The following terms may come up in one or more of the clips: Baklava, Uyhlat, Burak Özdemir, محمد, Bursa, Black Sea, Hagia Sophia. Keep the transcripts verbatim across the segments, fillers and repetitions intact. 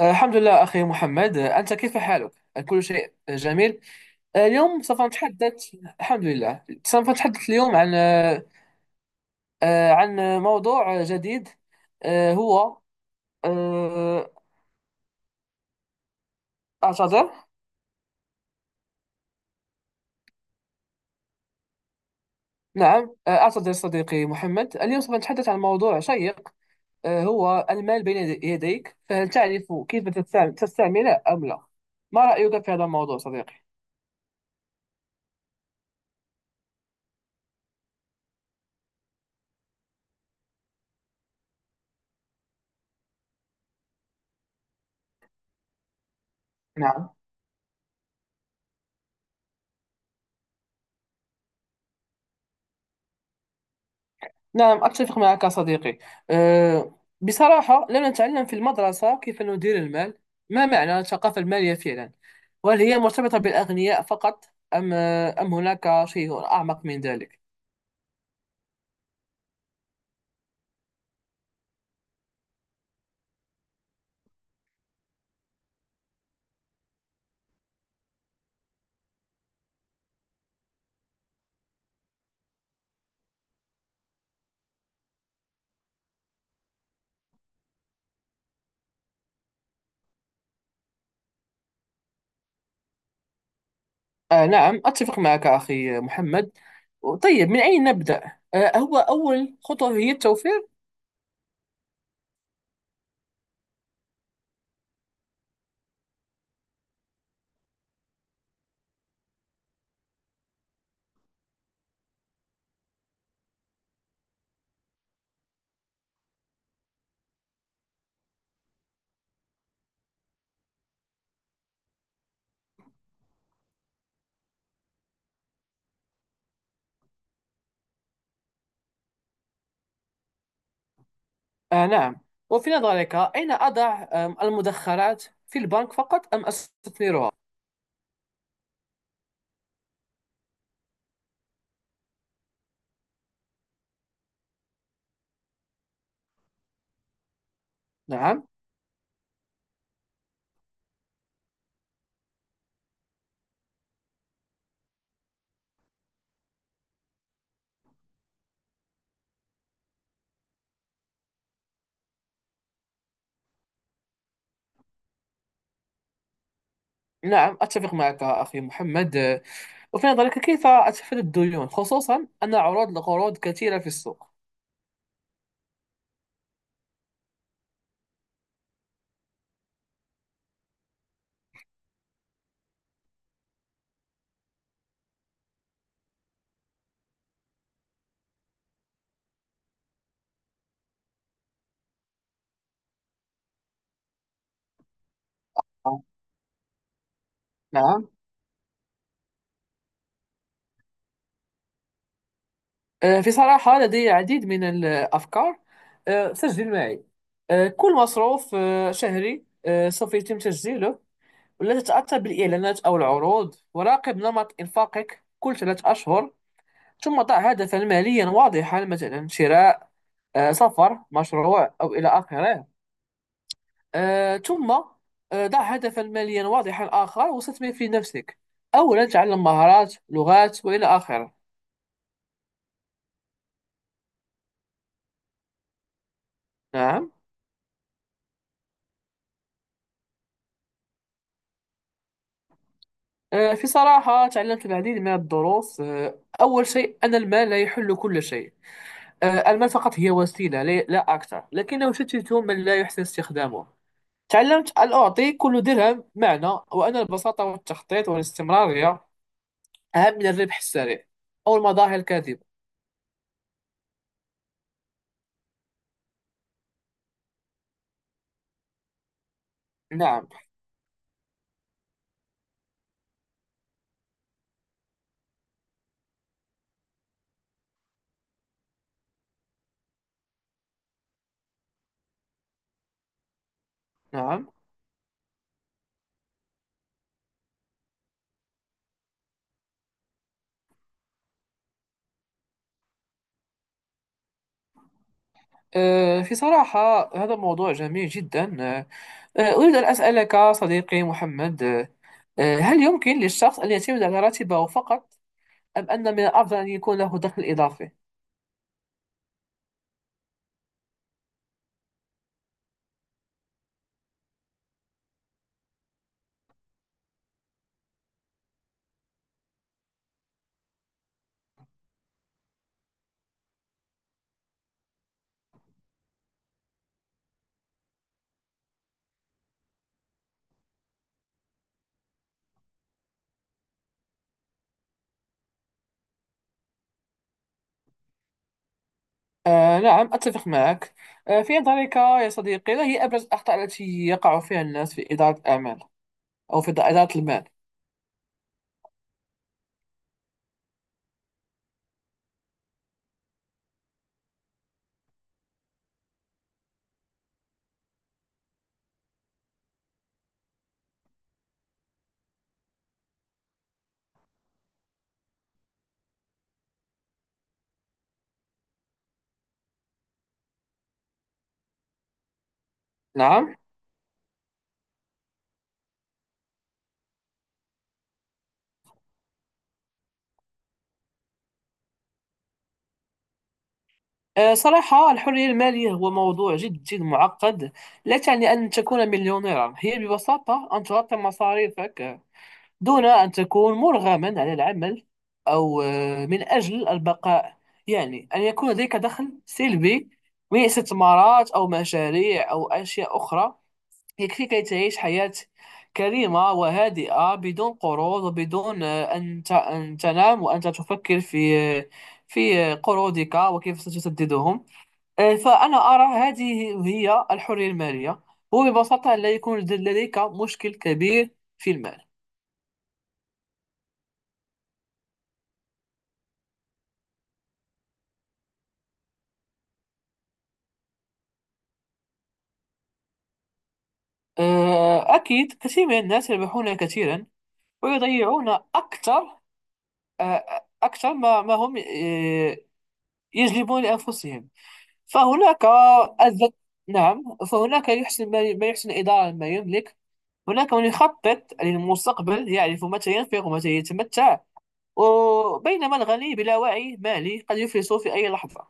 آه، الحمد لله أخي محمد، آه، أنت كيف حالك؟ آه، كل شيء آه، جميل. آه، اليوم سوف نتحدث. الحمد لله، سوف نتحدث اليوم عن آه، آه، عن موضوع آه، جديد. آه، هو آه، أعتذر. نعم، آه، أعتذر صديقي محمد. اليوم سوف نتحدث عن موضوع شيق، آه، هو المال بين يدي- يديك، فهل تعرف كيف تستعم- تستعمله أم لا؟ ما رأيك في هذا الموضوع صديقي؟ نعم. نعم، أتفق معك صديقي. أه، بصراحة لم نتعلم في المدرسة كيف ندير المال. ما معنى الثقافة المالية فعلا؟ وهل هي مرتبطة بالأغنياء فقط، أم أم هناك شيء أعمق من ذلك؟ آه، نعم أتفق معك أخي محمد. طيب، من أين نبدأ؟ آه، هو أول خطوة هي التوفير. آه، نعم. وفي نظرك، أين أضع آم، المدخرات؟ في البنك فقط أم أستثمرها؟ نعم. نعم، أتفق معك أخي محمد. وفي نظرك، كيف أتفادى الديون، خصوصا أن عروض القروض كثيرة في السوق؟ نعم. آه، في صراحة لدي العديد من الأفكار. آه، سجل معي. آه، كل مصروف آه، شهري آه، سوف يتم تسجيله. ولا تتأثر بالإعلانات أو العروض، وراقب نمط إنفاقك كل ثلاثة أشهر. ثم ضع هدفا ماليا واضحا، مثلا شراء، آه، سفر، مشروع، أو إلى آخره. آه، ثم آه، ضع هدفا ماليا واضحا آخر، واستثمر في نفسك. أولا تعلم مهارات، لغات، وإلى آخره. نعم. آه، في صراحة تعلمت العديد من الدروس. آه، أول شيء أن المال لا يحل كل شيء. آه، المال فقط هي وسيلة، لا لا أكثر، لكنه يشتت من لا يحسن استخدامه. تعلمت أن أعطي كل درهم معنى، وأن البساطة والتخطيط والاستمرارية أهم من الربح السريع أو المظاهر الكاذبة. نعم. نعم، آه، في صراحة هذا موضوع جميل جدا. آه، آه، أريد أن أسألك صديقي محمد. آه، آه، هل يمكن للشخص أن يعتمد على راتبه فقط، أم أن من الأفضل أن يكون له دخل إضافي؟ آه، نعم، أتفق معك. آه، في نظرك يا صديقي، ما هي أبرز الأخطاء التي يقع فيها الناس في إدارة الأعمال أو في إدارة المال؟ نعم. آه، صراحة الحرية المالية هو موضوع جد جد معقد. لا تعني أن تكون مليونيرا، هي ببساطة أن تغطي مصاريفك دون أن تكون مرغما على العمل، أو آه، من أجل البقاء. يعني أن يكون لديك دخل سلبي من استثمارات أو مشاريع أو أشياء أخرى، يكفي كي تعيش حياة كريمة وهادئة، بدون قروض وبدون آه، أن ت- أن تنام وأنت تفكر في آه، في آه، قروضك وكيف ستسددهم. آه، فأنا أرى هذه هي الحرية المالية. هو ببساطة لا يكون لديك مشكل كبير في المال. آه، أكيد، كثير من الناس يربحون كثيرا ويضيعون أكثر، آه، أكثر ما ما هم آه، يجلبون لأنفسهم. فهناك الذ... نعم، فهناك يحسن، ما ما يحسن إدارة ما يملك. هناك من يخطط للمستقبل، يعرف متى ينفق ومتى يتمتع، وبينما الغني بلا وعي مالي قد يفلس في أي لحظة.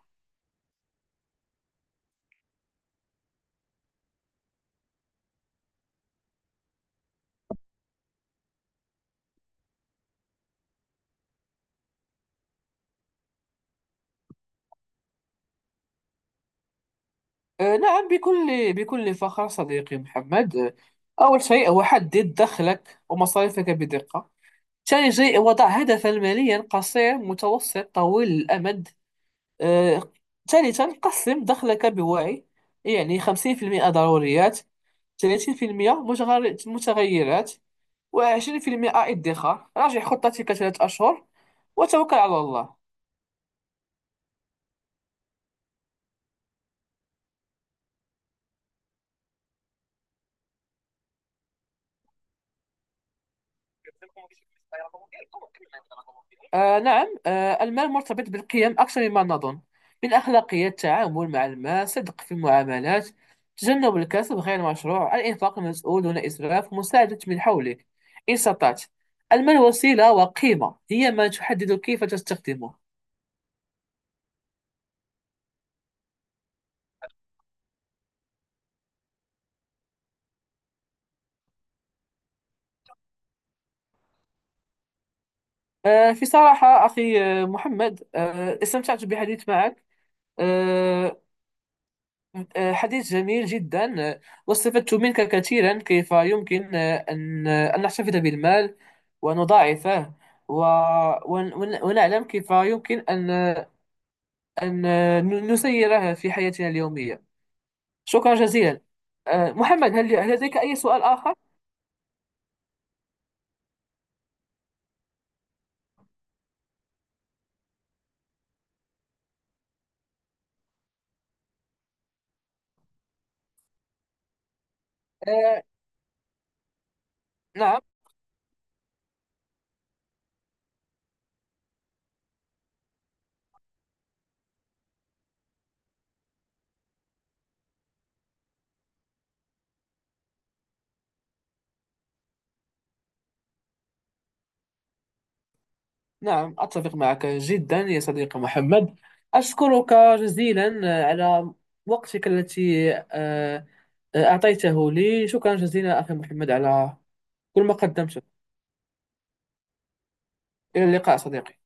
آه، نعم، بكل بكل فخر صديقي محمد. آه، أول شيء هو حدد دخلك ومصاريفك بدقة. ثاني شيء، وضع هدفا ماليا قصير، متوسط، طويل الأمد. آه، ثالثا، قسم دخلك بوعي. يعني خمسين في المية ضروريات، ثلاثين في المية متغر- متغيرات، و20% ادخار. راجع خطتك ثلاث أشهر، وتوكل على الله. آه، نعم. آه، المال مرتبط بالقيم أكثر مما نظن. من أخلاقية التعامل مع المال، صدق في المعاملات، تجنب الكسب غير المشروع، الإنفاق المسؤول دون إسراف، مساعدة من حولك إن استطعت. المال وسيلة، وقيمة هي ما تحدد كيف تستخدمه. آه، في صراحة أخي آه، محمد، آه، استمتعت بالحديث معك. آه آه، حديث جميل جدا. آه، واستفدت منك كثيرا، كيف يمكن آه، أن آه، أن نحتفظ بالمال ونضاعفه، و... ون... ون- ونعلم كيف يمكن أن آه، أن نسيره في حياتنا اليومية. شكرا جزيلا. أه، محمد، هل هل لديك أي سؤال آخر؟ أه، نعم. نعم، أتفق معك جدا يا صديقي محمد. أشكرك جزيلا آه، على وقتك التي أه، آه، أعطيته لي. شكرا جزيلا أخي محمد على كل ما قدمته. إلى اللقاء صديقي.